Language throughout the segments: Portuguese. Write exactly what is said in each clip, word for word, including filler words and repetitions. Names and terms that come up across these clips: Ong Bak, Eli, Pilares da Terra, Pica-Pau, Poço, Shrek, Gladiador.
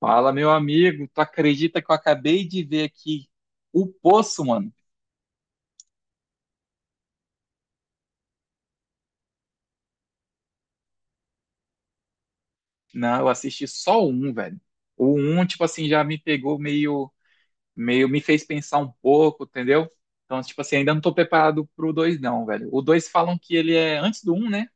Fala, meu amigo, tu acredita que eu acabei de ver aqui o Poço, mano? Não, eu assisti só o um, velho. O um, tipo assim, já me pegou meio, meio, me fez pensar um pouco, entendeu? Então, tipo assim, ainda não tô preparado pro dois, não, velho. O dois falam que ele é antes do um, né?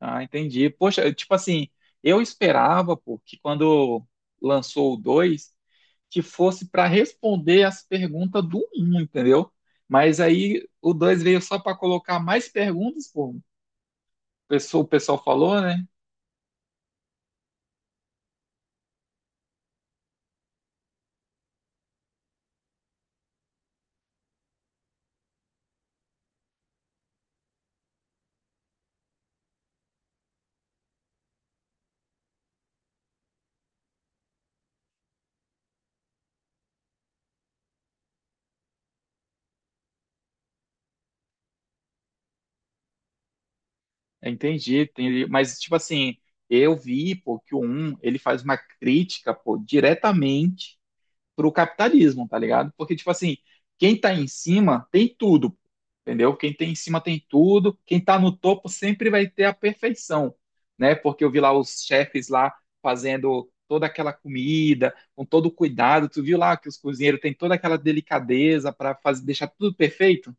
Ah, entendi. Poxa, tipo assim, eu esperava, pô, que quando lançou o dois, que fosse para responder as perguntas do um, entendeu? Mas aí o dois veio só para colocar mais perguntas, pô, pessoa- o pessoal falou, né? Entendi, entendi. Mas, tipo assim, eu vi, pô, que o um ele faz uma crítica, pô, diretamente pro capitalismo, tá ligado? Porque, tipo assim, quem tá em cima tem tudo, entendeu? Quem tem em cima tem tudo, quem tá no topo sempre vai ter a perfeição, né? Porque eu vi lá os chefes lá fazendo toda aquela comida, com todo o cuidado. Tu viu lá que os cozinheiros têm toda aquela delicadeza para fazer, deixar tudo perfeito?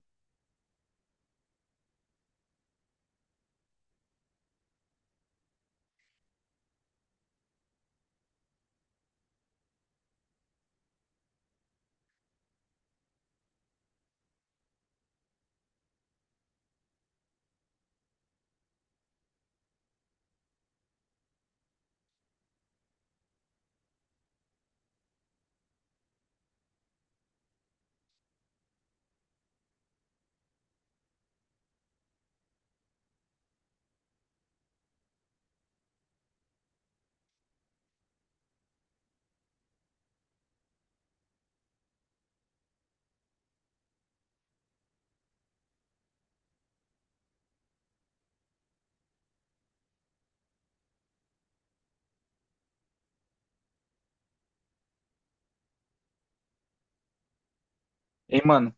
Hein, mano?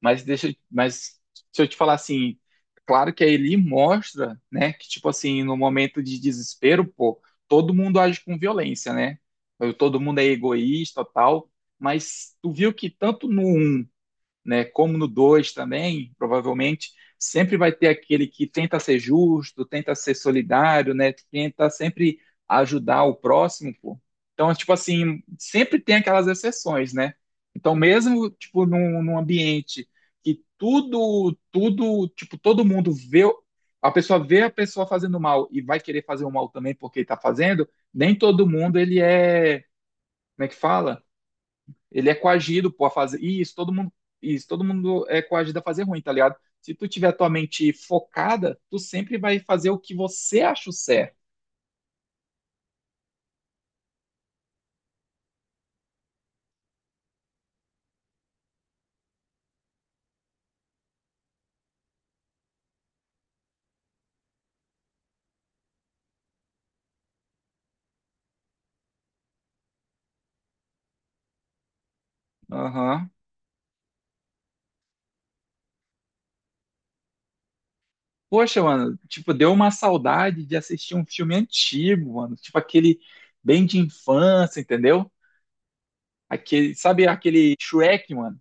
Mas deixa, mas se eu te falar assim, claro que a Eli mostra, né, que tipo assim, no momento de desespero, pô, todo mundo age com violência, né? Eu- Todo mundo é egoísta, tal, mas tu viu que tanto no um né? Como no dois também, provavelmente, sempre vai ter aquele que tenta ser justo, tenta ser solidário, né? Tenta sempre ajudar o próximo, pô. Então, tipo assim, sempre tem aquelas exceções, né? Então, mesmo tipo num, num ambiente que tudo, tudo, tipo, todo mundo vê, a pessoa vê a pessoa fazendo mal e vai querer fazer o mal também porque está fazendo, nem todo mundo ele é, como é que fala? Ele é coagido pô, fazer isso, todo mundo, isso, todo mundo é coagido a fazer ruim, tá ligado? Se tu tiver tua mente focada, tu sempre vai fazer o que você acha o certo. Aham. Poxa, mano, tipo, deu uma saudade de assistir um filme antigo, mano. Tipo aquele bem de infância, entendeu? Aquele, sabe aquele Shrek, mano?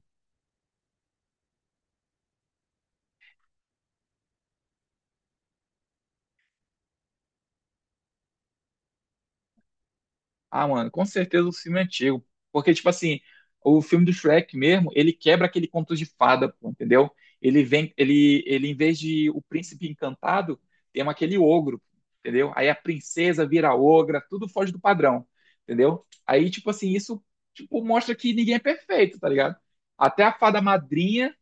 Ah, mano, com certeza o filme é antigo. Porque, tipo assim, o filme do Shrek mesmo, ele quebra aquele conto de fada, pô, entendeu? Ele vem, ele, ele, em vez de o príncipe encantado, tem um aquele ogro, entendeu? Aí a princesa vira ogra, tudo foge do padrão, entendeu? Aí, tipo assim, isso, tipo, mostra que ninguém é perfeito, tá ligado? Até a fada madrinha,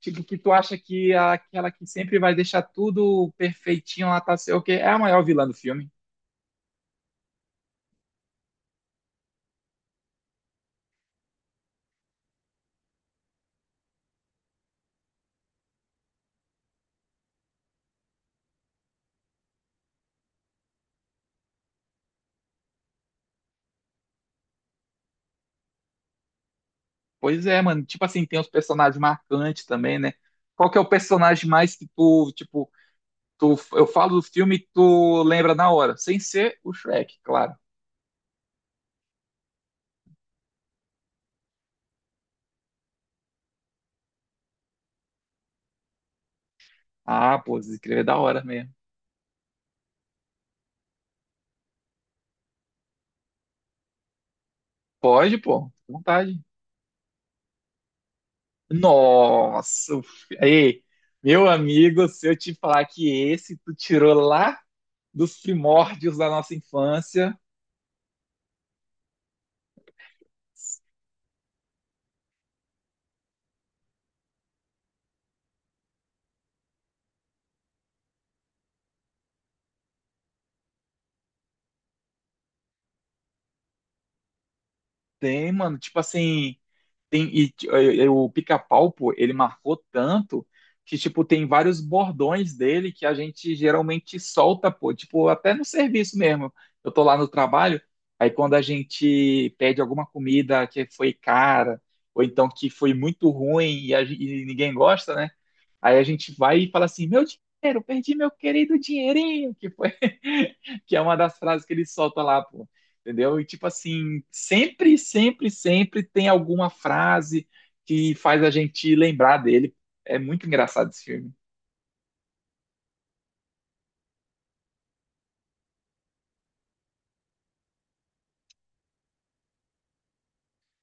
tipo, que tu acha que é aquela que sempre vai deixar tudo perfeitinho, lá tá sei o quê, é a maior vilã do filme. Pois é, mano. Tipo assim, tem os personagens marcantes também, né? Qual que é o personagem mais que tu, tipo, tu, eu falo do filme e tu lembra na hora? Sem ser o Shrek, claro. Ah, pô, escrever é da hora mesmo. Pode, pô, fica à vontade. Nossa, o fi- ei, meu amigo, se eu te falar que esse tu tirou lá dos primórdios da nossa infância, tem, mano, tipo assim. Tem, e, t- e- e o Pica-Pau, pô, ele marcou tanto que, tipo, tem vários bordões dele que a gente geralmente solta, pô, tipo, até no serviço mesmo. Eu tô lá no trabalho, aí quando a gente pede alguma comida que foi cara, ou então que foi muito ruim e, a gen- e ninguém gosta, né? Aí a gente vai e fala assim: meu dinheiro, perdi meu querido dinheirinho, que foi, que é uma das frases que ele solta lá, pô. Entendeu? E tipo assim, sempre, sempre, sempre tem alguma frase que faz a gente lembrar dele. É muito engraçado esse filme.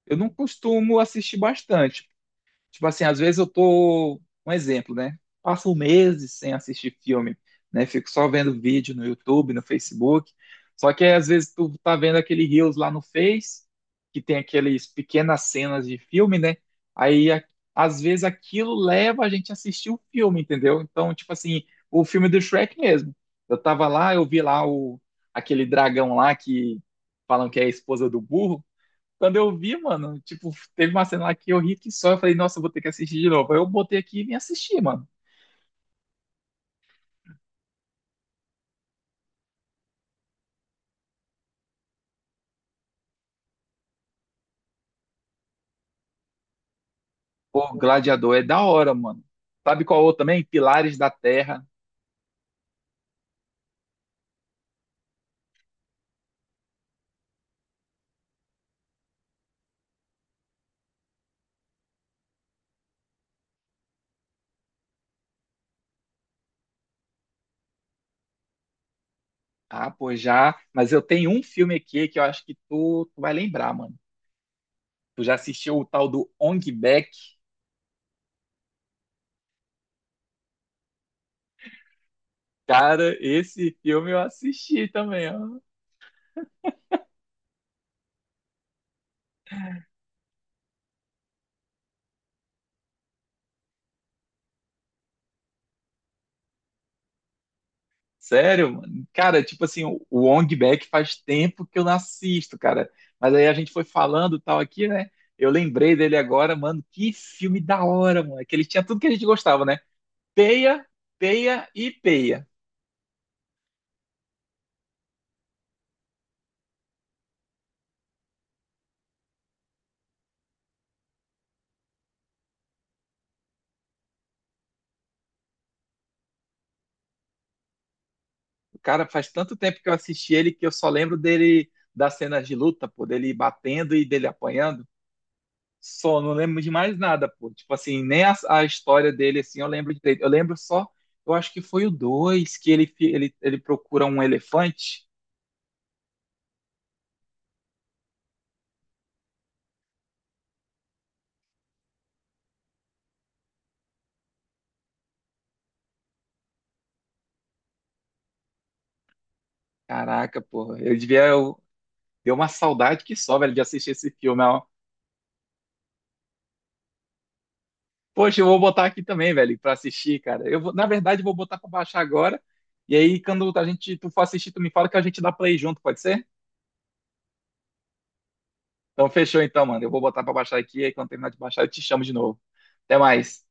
Eu não costumo assistir bastante. Tipo assim, às vezes eu tô, um exemplo, né? Passo meses sem assistir filme, né? Fico só vendo vídeo no YouTube, no Facebook. Só que às vezes tu tá vendo aquele Reels lá no Face, que tem aqueles pequenas cenas de filme, né? Aí a- às vezes aquilo leva a gente a assistir o filme, entendeu? Então, tipo assim, o filme do Shrek mesmo. Eu tava lá, eu vi lá o aquele dragão lá que falam que é a esposa do burro. Quando eu vi, mano, tipo, teve uma cena lá que eu ri que só, eu falei, nossa, eu vou ter que assistir de novo. Aí eu botei aqui e vim assistir, mano. Pô, Gladiador é da hora, mano. Sabe qual outro também? Pilares da Terra. Ah, pô, já. Mas eu tenho um filme aqui que eu acho que tu, tu vai lembrar, mano. Tu já assistiu o tal do Ong Bak? Cara, esse filme eu assisti também, ó. Sério, mano? Cara, tipo assim, o o Ong Bak faz tempo que eu não assisto, cara. Mas aí a gente foi falando tal aqui, né? Eu lembrei dele agora, mano. Que filme da hora, mano. Que ele tinha tudo que a gente gostava, né? Peia, peia e peia. O cara faz tanto tempo que eu assisti ele que eu só lembro dele das cenas de luta, pô, dele batendo e dele apanhando. Só não lembro de mais nada, pô. Tipo assim, nem a, a história dele, assim, eu lembro direito. Eu lembro só, eu acho que foi o dois que ele, fi- ele, ele procura um elefante. Caraca, porra. Eu devia. Eu, deu uma saudade que só, velho, de assistir esse filme. Ó. Poxa, eu vou botar aqui também, velho, pra assistir, cara. Eu vou, na verdade, vou botar pra baixar agora. E aí, quando a gente, tu for assistir, tu me fala que a gente dá play junto, pode ser? Então, fechou então, mano. Eu vou botar pra baixar aqui. Aí, quando terminar de baixar, eu te chamo de novo. Até mais.